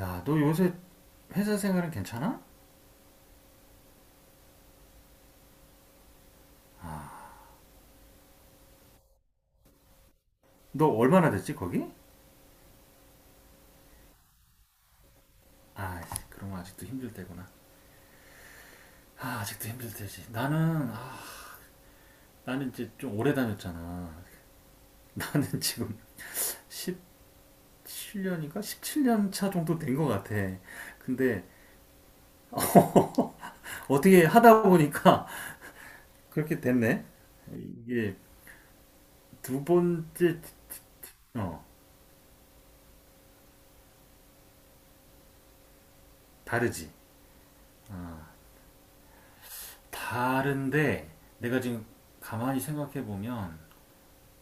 야, 너 요새 회사 생활은 괜찮아? 너 얼마나 됐지, 거기? 아, 그럼 아직도 힘들 때구나. 아, 아직도 힘들 때지. 나는 이제 좀 오래 다녔잖아. 나는 지금 17년인가? 17년 차 정도 된 것 같아. 근데, 어, 어떻게 하다 보니까 그렇게 됐네? 이게 두 번째, 어, 다르지. 어, 다른데, 내가 지금 가만히 생각해 보면,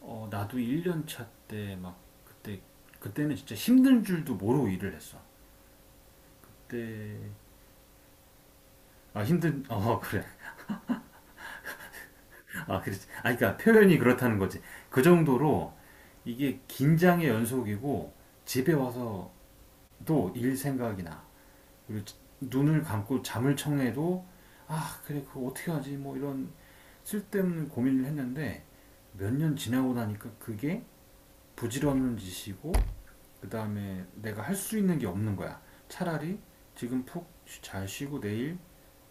나도 1년 차 때 막 그때 그때는 진짜 힘든 줄도 모르고 일을 했어. 그때 아 힘든 그래 아 그래 아 그러니까 표현이 그렇다는 거지. 그 정도로 이게 긴장의 연속이고 집에 와서도 일 생각이 나. 그리고 눈을 감고 잠을 청해도 아 그래 그거 어떻게 하지 뭐 이런 쓸데없는 고민을 했는데 몇 년 지나고 나니까 그게 부질없는 짓이고 그 다음에 내가 할 수 있는 게 없는 거야. 차라리 지금 푹 잘 쉬고 내일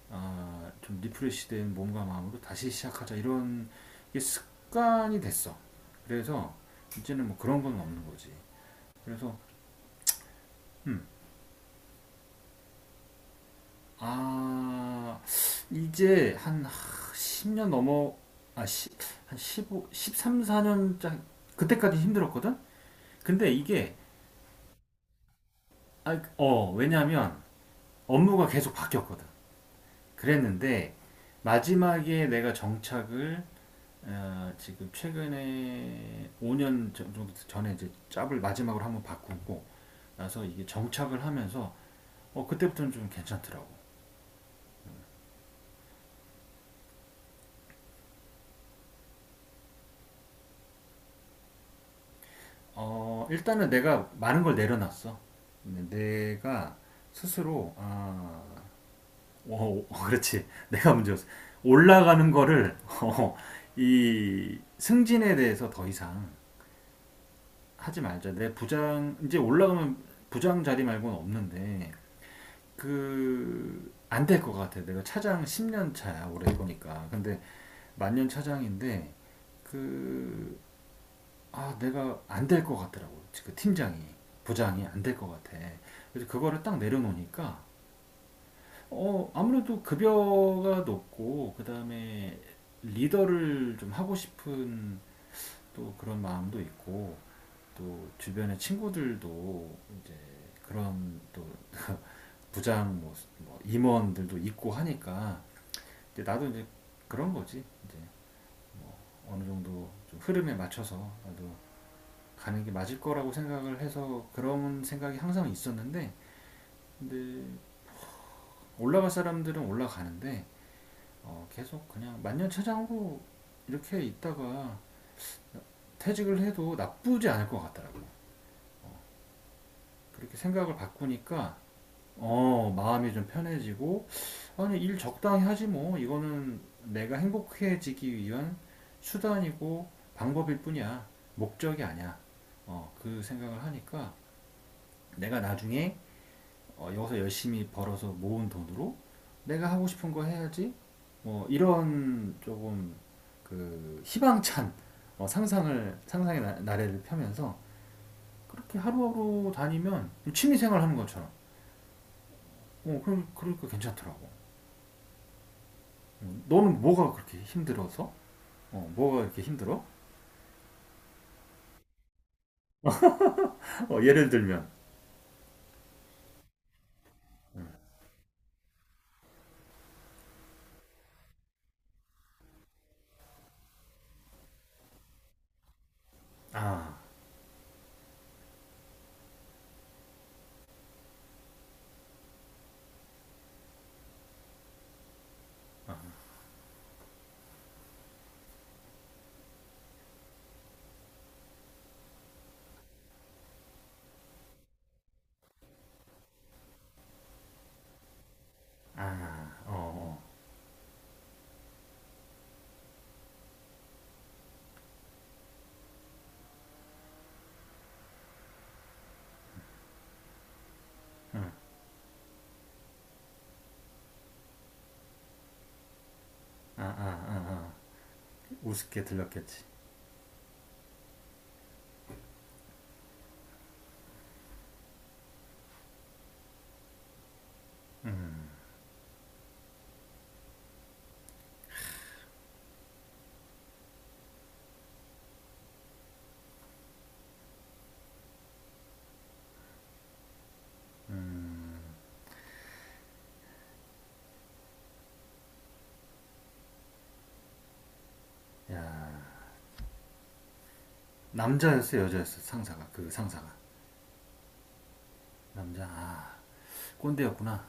어, 좀 리프레시된 몸과 마음으로 다시 시작하자 이런 게 습관이 됐어. 그래서 이제는 뭐 그런 건 없는 거지. 그래서 음, 아 이제 한십 10년 넘어 아, 시, 한1오십3 14년짜 그때까지 힘들었거든. 근데 이게 아, 왜냐하면 업무가 계속 바뀌었거든. 그랬는데 마지막에 내가 정착을 지금 최근에 5년 정도 전에 이제 짭을 마지막으로 한번 바꾸고 나서 이게 정착을 하면서 그때부터는 좀 괜찮더라고. 일단은 내가 많은 걸 내려놨어. 내가 스스로 아, 어, 어, 그렇지. 내가 문제였어. 올라가는 거를 어, 이 승진에 대해서 더 이상 하지 말자. 내 부장 이제 올라가면 부장 자리 말고는 없는데 그 안 될 것 같아. 내가 차장 10년 차야 올해 보거니까 근데 만년 차장인데 그 아 내가 안 될 것 같더라고. 그 팀장이 부장이 안 될 것 같아. 그래서 그거를 딱 내려놓으니까 아무래도 급여가 높고 그 다음에 리더를 좀 하고 싶은 또 그런 마음도 있고 또 주변의 친구들도 이제 그런 또 부장 뭐 임원들도 있고 하니까 이제 나도 이제 그런 거지 이제 뭐 어느 정도 좀 흐름에 맞춰서 나도 가는 게 맞을 거라고 생각을 해서 그런 생각이 항상 있었는데 근데 올라갈 사람들은 올라가는데 계속 그냥 만년차장으로 이렇게 있다가 퇴직을 해도 나쁘지 않을 것 같더라고요. 그렇게 생각을 바꾸니까 마음이 좀 편해지고, 아니, 일 적당히 하지 뭐. 이거는 내가 행복해지기 위한 수단이고 방법일 뿐이야. 목적이 아니야. 그 생각을 하니까 내가 나중에 여기서 열심히 벌어서 모은 돈으로 내가 하고 싶은 거 해야지. 뭐, 이런 조금 그 희망찬 상상의 나래를 펴면서 그렇게 하루하루 다니면 취미생활 하는 것처럼. 그럼, 그러니까 괜찮더라고. 너는 뭐가 그렇게 힘들어서? 어, 뭐가 이렇게 힘들어? 어, 예를 들면 음, 아, 아, 어, 어, 음, 아, 아, 아, 아, 우습게 들렸겠지. 야, 남자였어, 여자였어, 상사가 그 상사가 남자, 아, 꼰대였구나.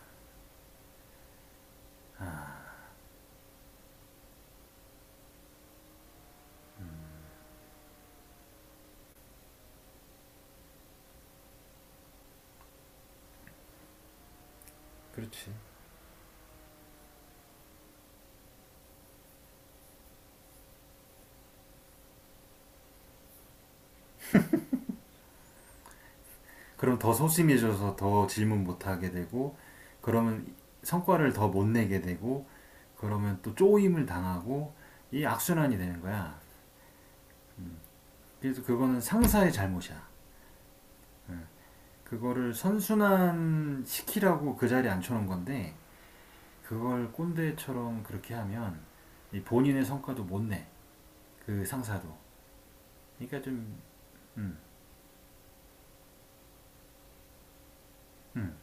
그렇지. 그럼 더 소심해져서 더 질문 못하게 되고, 그러면 성과를 더 못 내게 되고, 그러면 또 쪼임을 당하고, 이 악순환이 되는 거야. 그래서 그거는 상사의 잘못이야. 그거를 선순환 시키라고 그 자리에 앉혀놓은 건데 그걸 꼰대처럼 그렇게 하면 본인의 성과도 못 내. 그 상사도. 그러니까 좀 음. 음.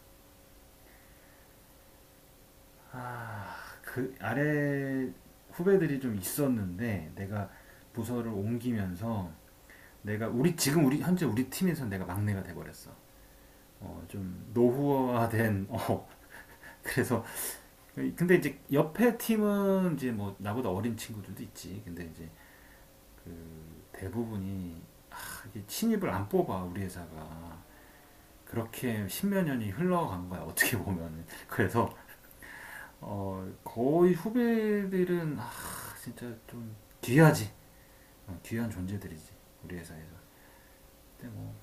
아, 그 아래 후배들이 좀 있었는데 내가 부서를 옮기면서 내가 우리 지금 우리 현재 우리 팀에서 내가 막내가 돼 버렸어. 좀 노후화된 어. 그래서 근데 이제 옆에 팀은 이제 뭐 나보다 어린 친구들도 있지. 근데 이제 그 대부분이 아, 이게 신입을 안 뽑아 우리 회사가 그렇게 십몇 년이 흘러간 거야 어떻게 보면은 그래서 거의 후배들은 아, 진짜 좀 귀하지 귀한 존재들이지 우리 회사에서 근데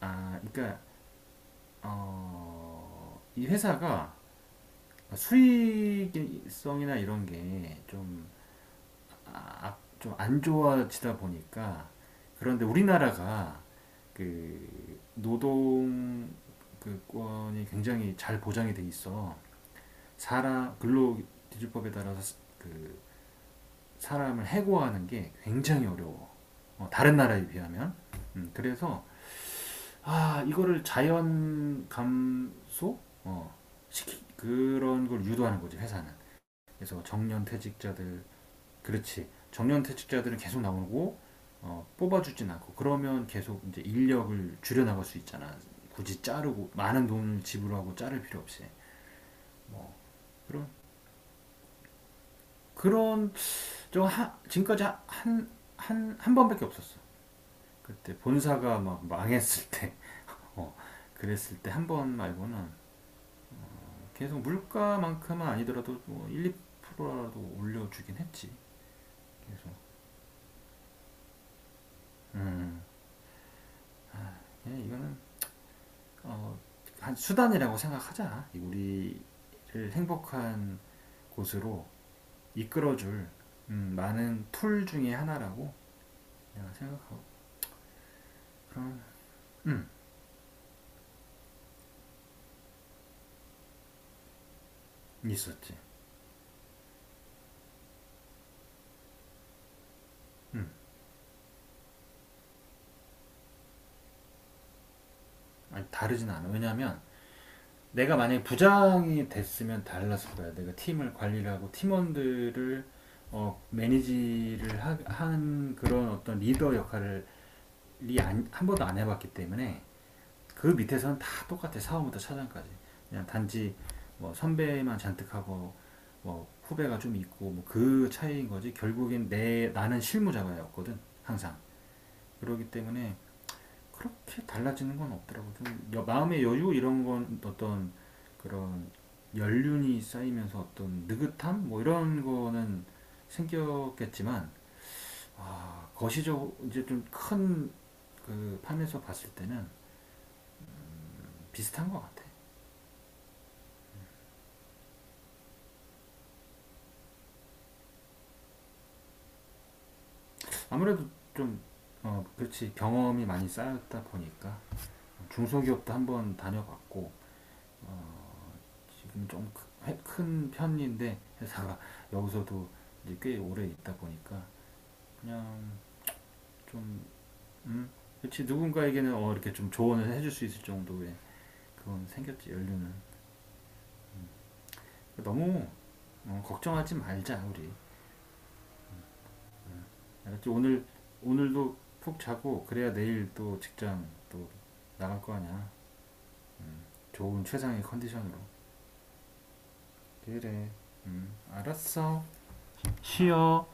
뭐아 그러니까 이 회사가 수익성이나 이런 게좀 아, 좀안 좋아지다 보니까 그런데 우리나라가 그 노동 그 권이 굉장히 잘 보장이 돼 있어. 사람 근로기준법에 따라서 그 사람을 해고하는 게 굉장히 어려워. 어, 다른 나라에 비하면. 그래서 아 이거를 자연 감소 시키 그런 걸 유도하는 거지 회사는. 그래서 정년 퇴직자들 그렇지. 정년 퇴직자들은 계속 나오고 뽑아주진 않고 그러면 계속 이제 인력을 줄여 나갈 수 있잖아. 굳이 자르고 많은 돈을 지불하고 자를 필요 없이 뭐 그런 그런 지금까지 한 번밖에 없었어. 그때 본사가 막 망했을 때, 어, 그랬을 때 한 번 말고는 계속 물가만큼은 아니더라도 뭐 1, 2%라도 올려주긴 했지. 계속. 음, 아, 예, 이거는 어, 한 수단이라고 생각하자. 우리를 행복한 곳으로 이끌어줄 많은 툴 중에 하나라고 내가 생각하고 그런 음 있었지. 음 아니 다르진 않아. 왜냐하면 내가 만약에 부장이 됐으면 달랐을 거야. 내가 팀을 관리를 하고 팀원들을 매니지를 한 그런 어떤 리더 역할을 한 번도 안 해봤기 때문에 그 밑에서는 다 똑같아 사원부터 차장까지 그냥 단지 뭐 선배만 잔뜩하고 뭐 후배가 좀 있고 뭐 그 차이인 거지 결국엔 내 나는 실무자가였거든 항상 그러기 때문에 그렇게 달라지는 건 없더라고 좀 마음의 여유 이런 건 어떤 그런 연륜이 쌓이면서 어떤 느긋함 뭐 이런 거는 생겼겠지만 아 거시적 이제 좀 큰 그 판에서 봤을 때는 비슷한 것 같아. 아무래도 좀 그렇지 경험이 많이 쌓였다 보니까 중소기업도 한번 다녀봤고 지금 좀 큰 편인데 회사가 여기서도 이제 꽤 오래 있다 보니까 그냥 좀 음, 그렇지 누군가에게는 이렇게 좀 조언을 해줄 수 있을 정도의 그건 생겼지 연륜은 너무 걱정하지 말자 우리 알았지 오늘도 푹 자고 그래야 내일 또 직장 또 나갈 거 아니야 좋은 최상의 컨디션으로 그래. 알았어. 쉬어.